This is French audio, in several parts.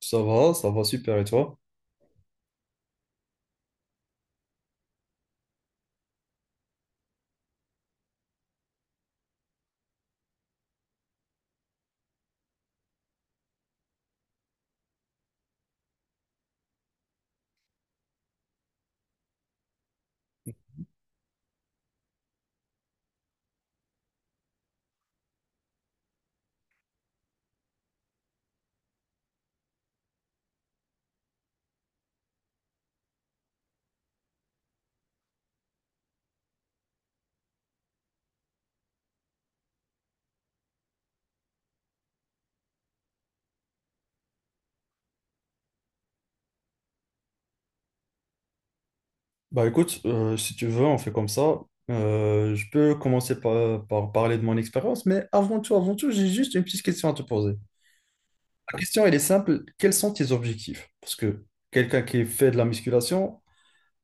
Ça va super et toi? Bah écoute, si tu veux, on fait comme ça. Je peux commencer par, parler de mon expérience, mais avant tout, j'ai juste une petite question à te poser. La question, elle est simple. Quels sont tes objectifs? Parce que quelqu'un qui fait de la musculation,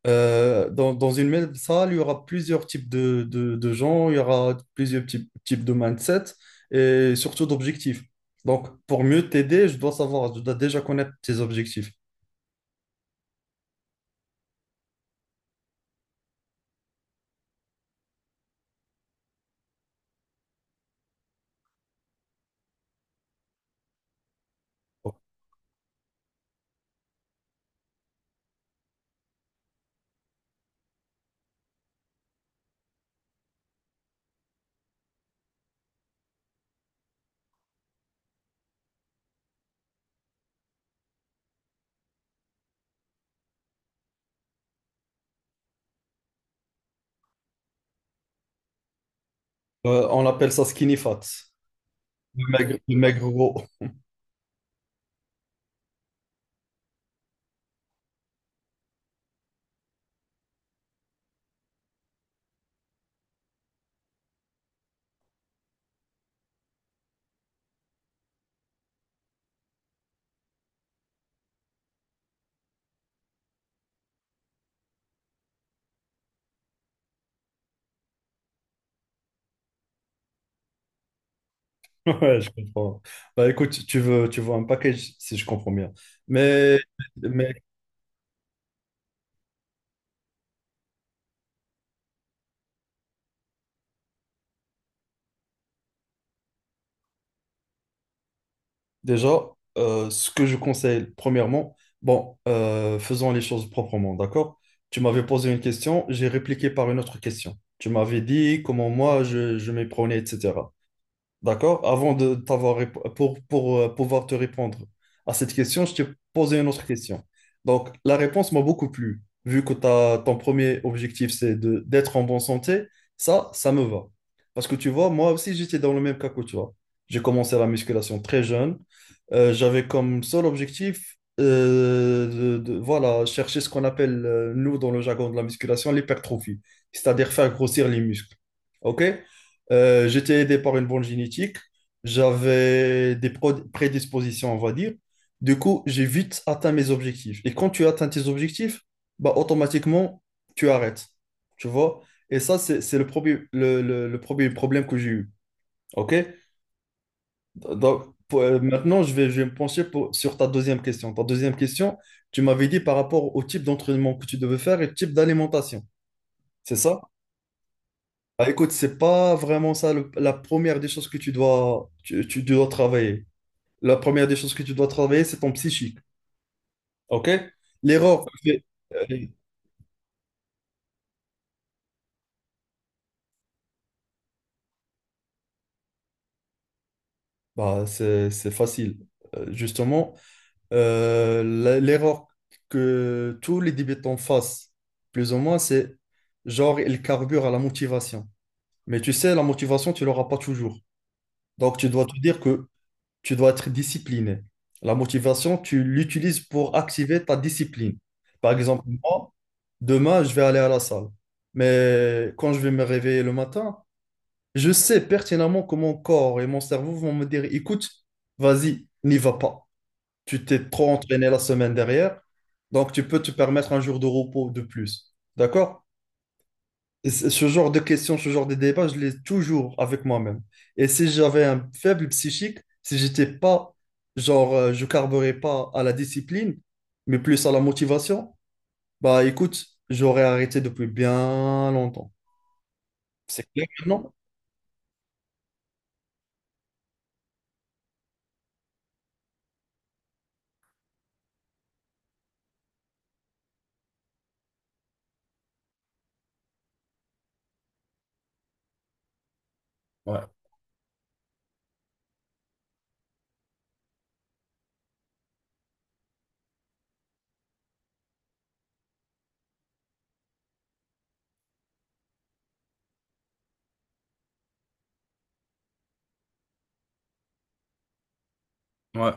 dans, une même salle, il y aura plusieurs types de gens, il y aura plusieurs types de mindset et surtout d'objectifs. Donc, pour mieux t'aider, je dois savoir, je dois déjà connaître tes objectifs. On appelle ça skinny fat. Maigre, le maigre gros. Ouais, je comprends. Bah écoute, tu veux un package, si je comprends bien. Mais, mais déjà, ce que je conseille, premièrement, bon, faisons les choses proprement, d'accord? Tu m'avais posé une question, j'ai répliqué par une autre question. Tu m'avais dit comment moi je m'y prenais, etc. D'accord? Avant de t'avoir rép- Pour pouvoir te répondre à cette question, je t'ai posé une autre question. Donc, la réponse m'a beaucoup plu. Vu que ton premier objectif, c'est de, d'être en bonne santé, ça me va. Parce que tu vois, moi aussi, j'étais dans le même cas que toi. J'ai commencé la musculation très jeune. J'avais comme seul objectif, voilà, chercher ce qu'on appelle, nous, dans le jargon de la musculation, l'hypertrophie, c'est-à-dire faire grossir les muscles. OK? J'étais aidé par une bonne génétique. J'avais des prédispositions, on va dire. Du coup, j'ai vite atteint mes objectifs. Et quand tu atteins tes objectifs, bah, automatiquement, tu arrêtes. Tu vois? Et ça, c'est le premier, le premier problème que j'ai eu. OK? Donc, maintenant, je vais me pencher sur ta deuxième question. Ta deuxième question, tu m'avais dit par rapport au type d'entraînement que tu devais faire et le type d'alimentation. C'est ça? Bah, écoute, c'est pas vraiment ça la première des choses que tu dois travailler. La première des choses que tu dois travailler, c'est ton psychique. OK? L'erreur que fait- euh, bah, c'est facile. Justement, l'erreur que tous les débutants fassent, plus ou moins, c'est genre, ils carburent à la motivation. Mais tu sais, la motivation, tu l'auras pas toujours. Donc, tu dois te dire que tu dois être discipliné. La motivation, tu l'utilises pour activer ta discipline. Par exemple, moi, demain, je vais aller à la salle. Mais quand je vais me réveiller le matin, je sais pertinemment que mon corps et mon cerveau vont me dire, écoute, vas-y, n'y va pas. Tu t'es trop entraîné la semaine dernière, donc tu peux te permettre un jour de repos de plus. D'accord? Et ce genre de questions, ce genre de débat, je l'ai toujours avec moi-même. Et si j'avais un faible psychique, si j'étais pas, genre, je carburais pas à la discipline, mais plus à la motivation, bah écoute, j'aurais arrêté depuis bien longtemps. C'est clair, non? Ouais, ouais.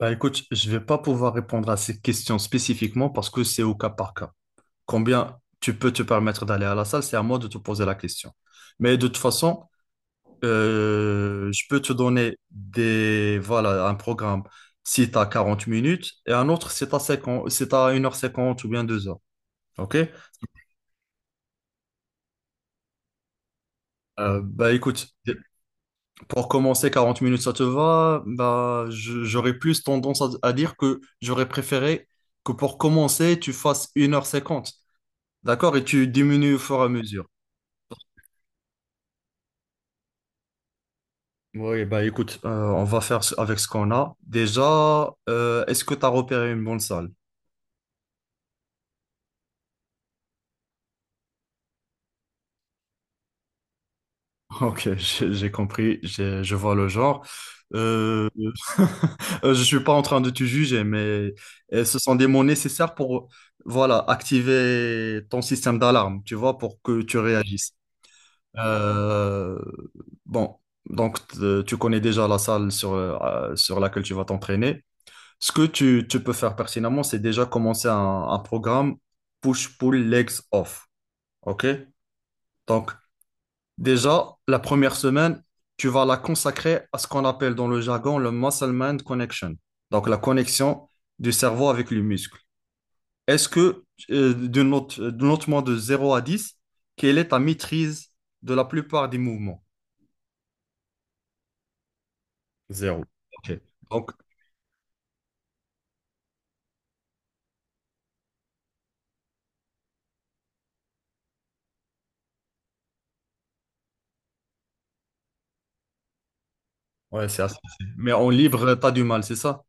Bah écoute, je vais pas pouvoir répondre à ces questions spécifiquement parce que c'est au cas par cas. Combien tu peux te permettre d'aller à la salle, c'est à moi de te poser la question. Mais de toute façon, je peux te donner des, voilà, un programme si tu as 40 minutes et un autre si tu as 50, si tu as 1h50 ou bien 2 heures. OK? Bah écoute, pour commencer 40 minutes, ça te va? Bah, j'aurais plus tendance à dire que j'aurais préféré que pour commencer, tu fasses 1h50. D'accord? Et tu diminues au fur et à mesure. Oui, bah écoute, on va faire avec ce qu'on a. Déjà, est-ce que tu as repéré une bonne salle? Ok, j'ai compris, je vois le genre. Euh, je suis pas en train de te juger, mais ce sont des mots nécessaires pour, voilà, activer ton système d'alarme, tu vois, pour que tu réagisses. Euh, bon, donc tu connais déjà la salle sur, sur laquelle tu vas t'entraîner. Ce que tu peux faire pertinemment, c'est déjà commencer un programme push-pull legs off. OK? Donc, déjà, la première semaine, tu vas la consacrer à ce qu'on appelle dans le jargon le muscle-mind connection, donc la connexion du cerveau avec le muscle. Est-ce que, d'une note de 0 à 10, quelle est ta maîtrise de la plupart des mouvements? 0. Ok. Donc, ouais, c'est assez facile. Mais en libre, tu as du mal, c'est ça?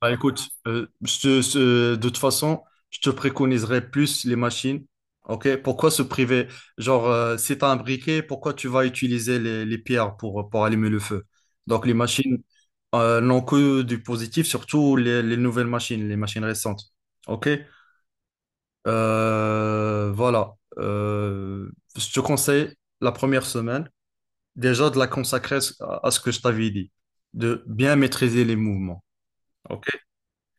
Bah, écoute, de toute façon, je te préconiserais plus les machines. Ok, pourquoi se priver? Genre, si tu un briquet, pourquoi tu vas utiliser les pierres pour, allumer le feu? Donc, les machines n'ont que du positif, surtout les nouvelles machines, les machines récentes. Ok. Voilà. Je te conseille la première semaine déjà de la consacrer à ce que je t'avais dit, de bien maîtriser les mouvements. Ok.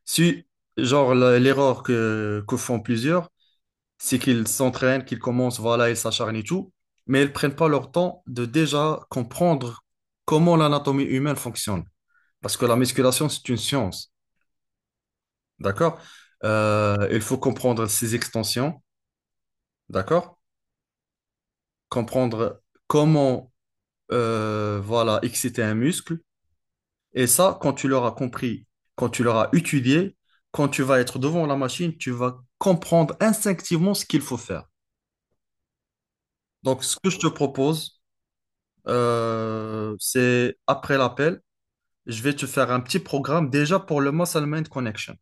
Si, genre, l'erreur que font plusieurs, c'est qu'ils s'entraînent, qu'ils commencent, voilà, ils s'acharnent et tout, mais ils prennent pas leur temps de déjà comprendre comment l'anatomie humaine fonctionne. Parce que la musculation, c'est une science, d'accord? Il faut comprendre ses extensions, d'accord? Comprendre comment, voilà, exciter un muscle. Et ça, quand tu l'auras compris, quand tu l'auras étudié, quand tu vas être devant la machine, tu vas comprendre instinctivement ce qu'il faut faire. Donc, ce que je te propose, c'est après l'appel, je vais te faire un petit programme déjà pour le Muscle Mind Connection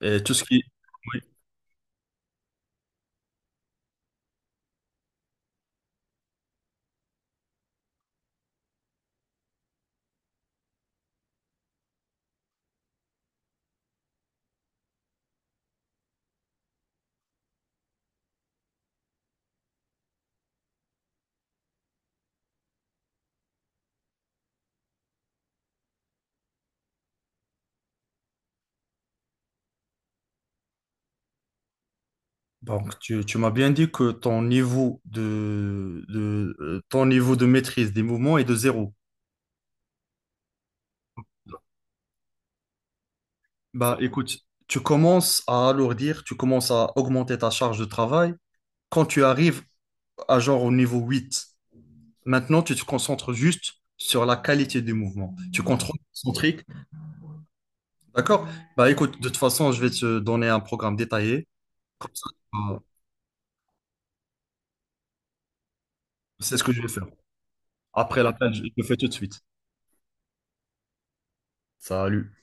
et tout ce qui. Oui. Donc, tu m'as bien dit que ton niveau de ton niveau de maîtrise des mouvements est de 0. Bah, écoute, tu commences à alourdir, tu commences à augmenter ta charge de travail quand tu arrives à genre au niveau 8. Maintenant, tu te concentres juste sur la qualité du mouvement. Tu contrôles son trick. D'accord? Bah écoute, de toute façon, je vais te donner un programme détaillé. Comme ça, euh, c'est ce que je vais faire. Après l'appel, je le fais tout de suite. Salut.